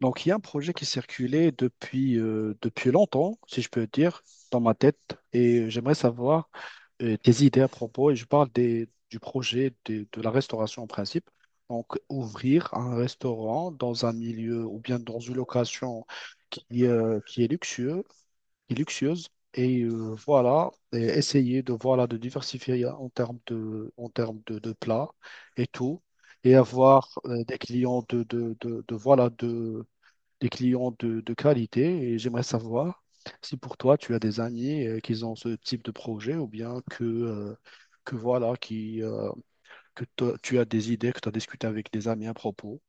Donc, il y a un projet qui circulait depuis longtemps, si je peux dire, dans ma tête, et j'aimerais savoir tes idées à propos, et je parle du projet de la restauration en principe. Donc, ouvrir un restaurant dans un milieu ou bien dans une location qui, euh, qui est luxueux, qui est luxueuse, voilà, et essayer voilà, de diversifier en termes de plats et tout, et avoir des clients de, voilà, de des clients de qualité. Et j'aimerais savoir si pour toi tu as des amis qui ont ce type de projet ou bien que voilà, qui, que toi- tu as des idées, que tu as discuté avec des amis à propos.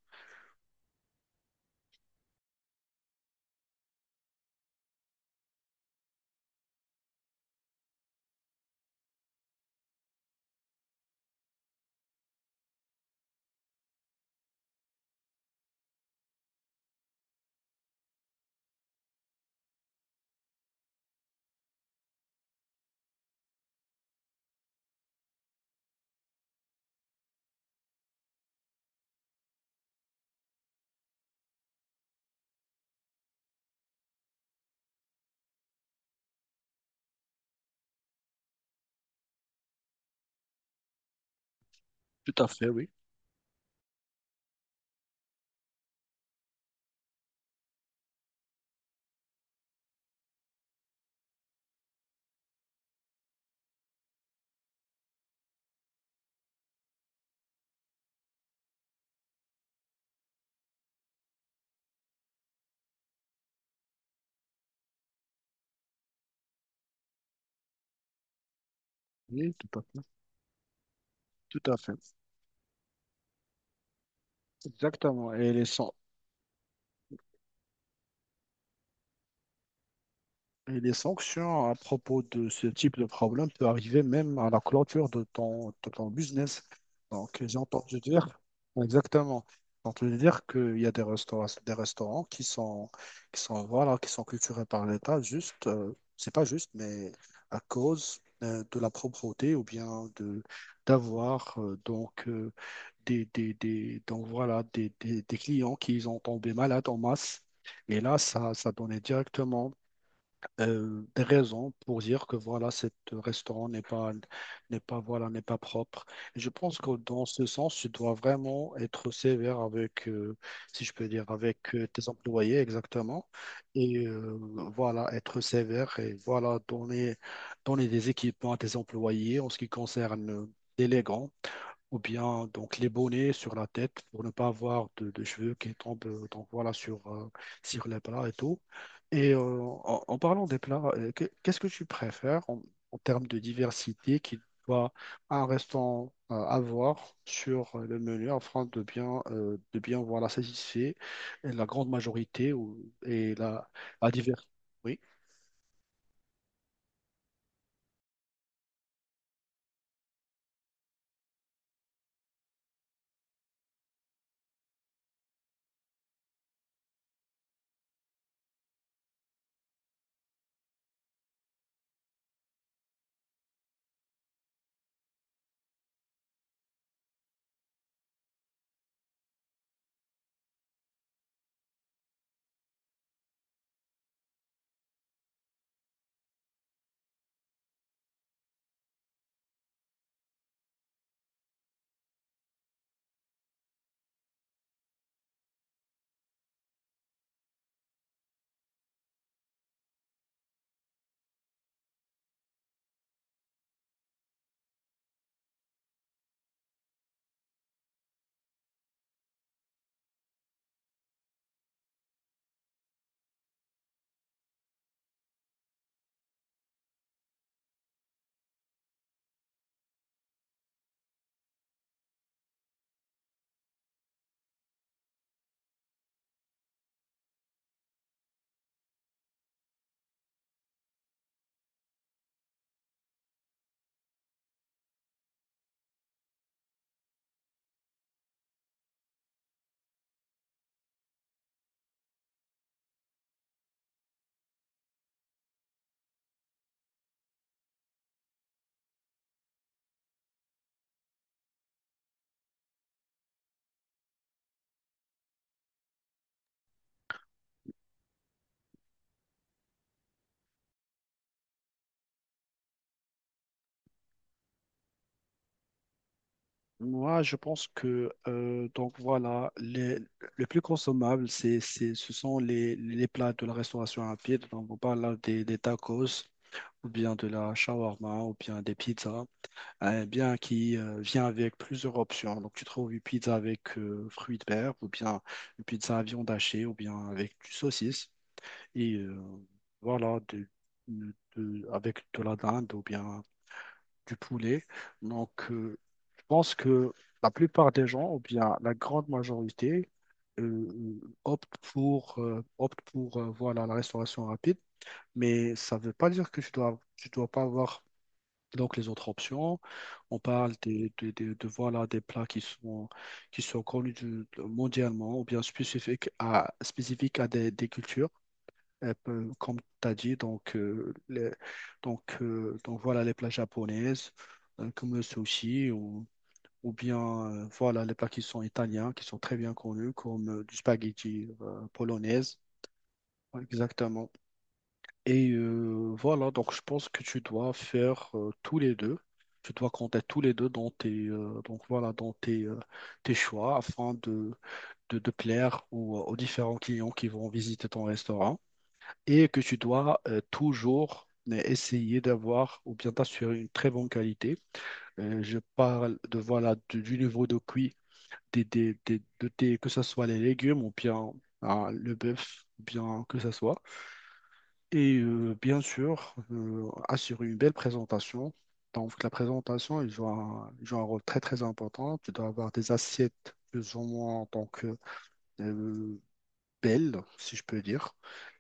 Tout à fait, oui. Oui, tout à fait. Tout à fait. Exactement. Et les sanctions à propos de ce type de problème peuvent arriver même à la clôture de ton business. Donc, j'ai entendu dire, exactement, j'ai entendu dire qu'il y a des restaurants, voilà, qui sont culturés par l'État, juste, c'est pas juste, mais à cause de la propreté ou bien de d'avoir des clients qui ont tombé malades en masse. Et là, ça donnait directement des raisons pour dire que voilà, cet restaurant n'est pas, n'est pas, voilà, n'est pas propre. Et je pense que dans ce sens, tu dois vraiment être sévère avec, si je peux dire, avec tes employés, exactement. Et euh, voilà, être sévère et voilà, donner des équipements à tes employés en ce qui concerne, l'élégance ou bien donc les bonnets sur la tête pour ne pas avoir de cheveux qui tombent, donc voilà, sur les plats et tout. En parlant des plats, qu'est-ce que tu préfères en termes de diversité qu'il doit un restaurant avoir sur le menu afin de bien voilà satisfaire la grande majorité, ou, et la diversité. Moi, je pense que donc voilà, le plus consommable, ce sont les plats de la restauration rapide. Donc, on parle là des tacos, ou bien de la shawarma, ou bien des pizzas, eh bien qui vient avec plusieurs options. Donc, tu trouves une pizza avec fruits de mer, ou bien une pizza à viande hachée, ou bien avec du saucisse. Et euh, voilà, de, avec de la dinde, ou bien du poulet. Donc, je pense que la plupart des gens, ou bien la grande majorité, euh, optent pour, voilà, la restauration rapide. Mais ça ne veut pas dire que tu dois pas avoir donc les autres options. On parle voilà, des plats qui sont connus mondialement ou bien spécifiques à des cultures, comme tu as dit, donc voilà les plats japonaises, comme le sushi, ou bien voilà les plats qui sont italiens, qui sont très bien connus, comme du spaghetti polonaise. Ouais, exactement. Voilà, donc je pense que tu dois faire, tous les deux. Tu dois compter tous les deux dans tes, tes choix afin de plaire aux différents clients qui vont visiter ton restaurant, et que tu dois toujours essayer d'avoir ou bien t'assurer une très bonne qualité. Je parle voilà, du niveau de cuit, que ce soit les légumes ou bien, ah, le bœuf, ou bien que ce soit. Et bien sûr, assurer une belle présentation. Donc la présentation, elle joue un rôle très très important. Tu dois avoir des assiettes plus ou moins donc, euh, belle, si je peux dire,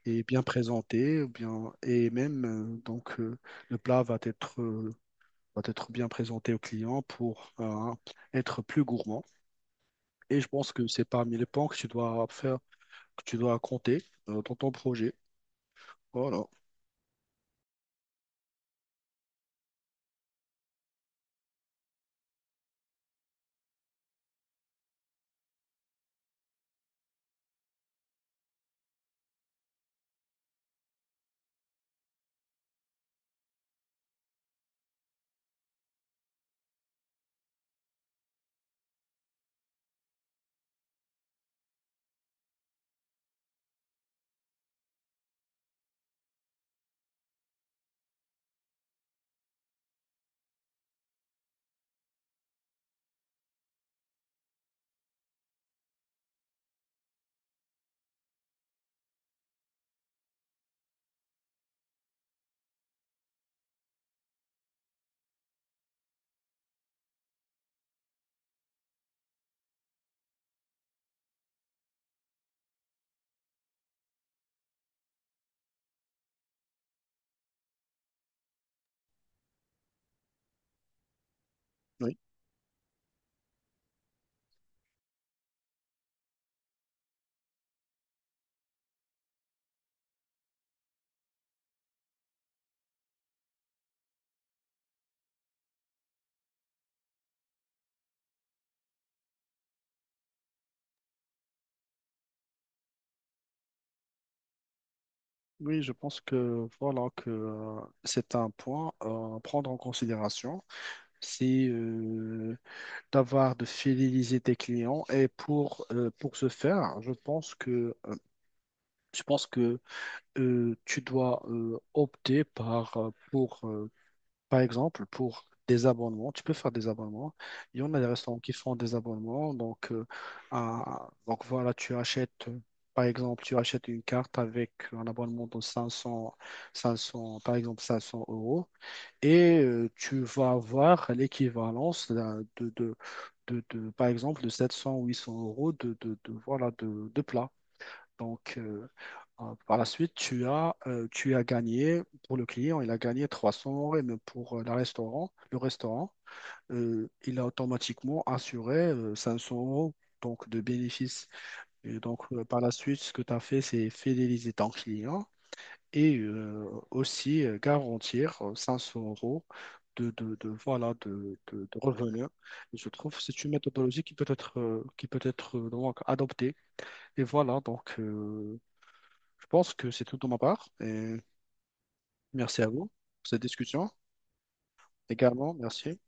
et bien présentée, ou bien, et même, euh, donc euh, le plat va être bien présenté au client pour être plus gourmand. Et je pense que c'est parmi les points que tu dois faire, que tu dois compter, dans ton projet. Voilà. Oui. Oui, je pense que c'est un point, à prendre en considération. C'est, d'avoir de fidéliser tes clients, et pour ce faire, je pense que, je pense que tu dois, opter pour, par exemple, pour des abonnements. Tu peux faire des abonnements. Il y en a des restaurants qui font des abonnements. Donc, donc voilà, tu achètes, par exemple, tu achètes une carte avec un abonnement de 500, 500 par exemple, 500 euros. Et tu vas avoir l'équivalence par exemple, de 700 ou cents euros voilà, de plats. Donc, par la suite, tu as gagné, pour le client, il a gagné 300 euros, et même pour le restaurant, il a automatiquement assuré 500 euros donc, de bénéfices. Et donc, par la suite, ce que tu as fait, c'est fidéliser ton client, et aussi garantir 500 euros voilà, de revenus. Et je trouve que c'est une méthodologie qui peut être donc, adoptée. Et voilà, donc, je pense que c'est tout de ma part, et merci à vous pour cette discussion. Également. Merci.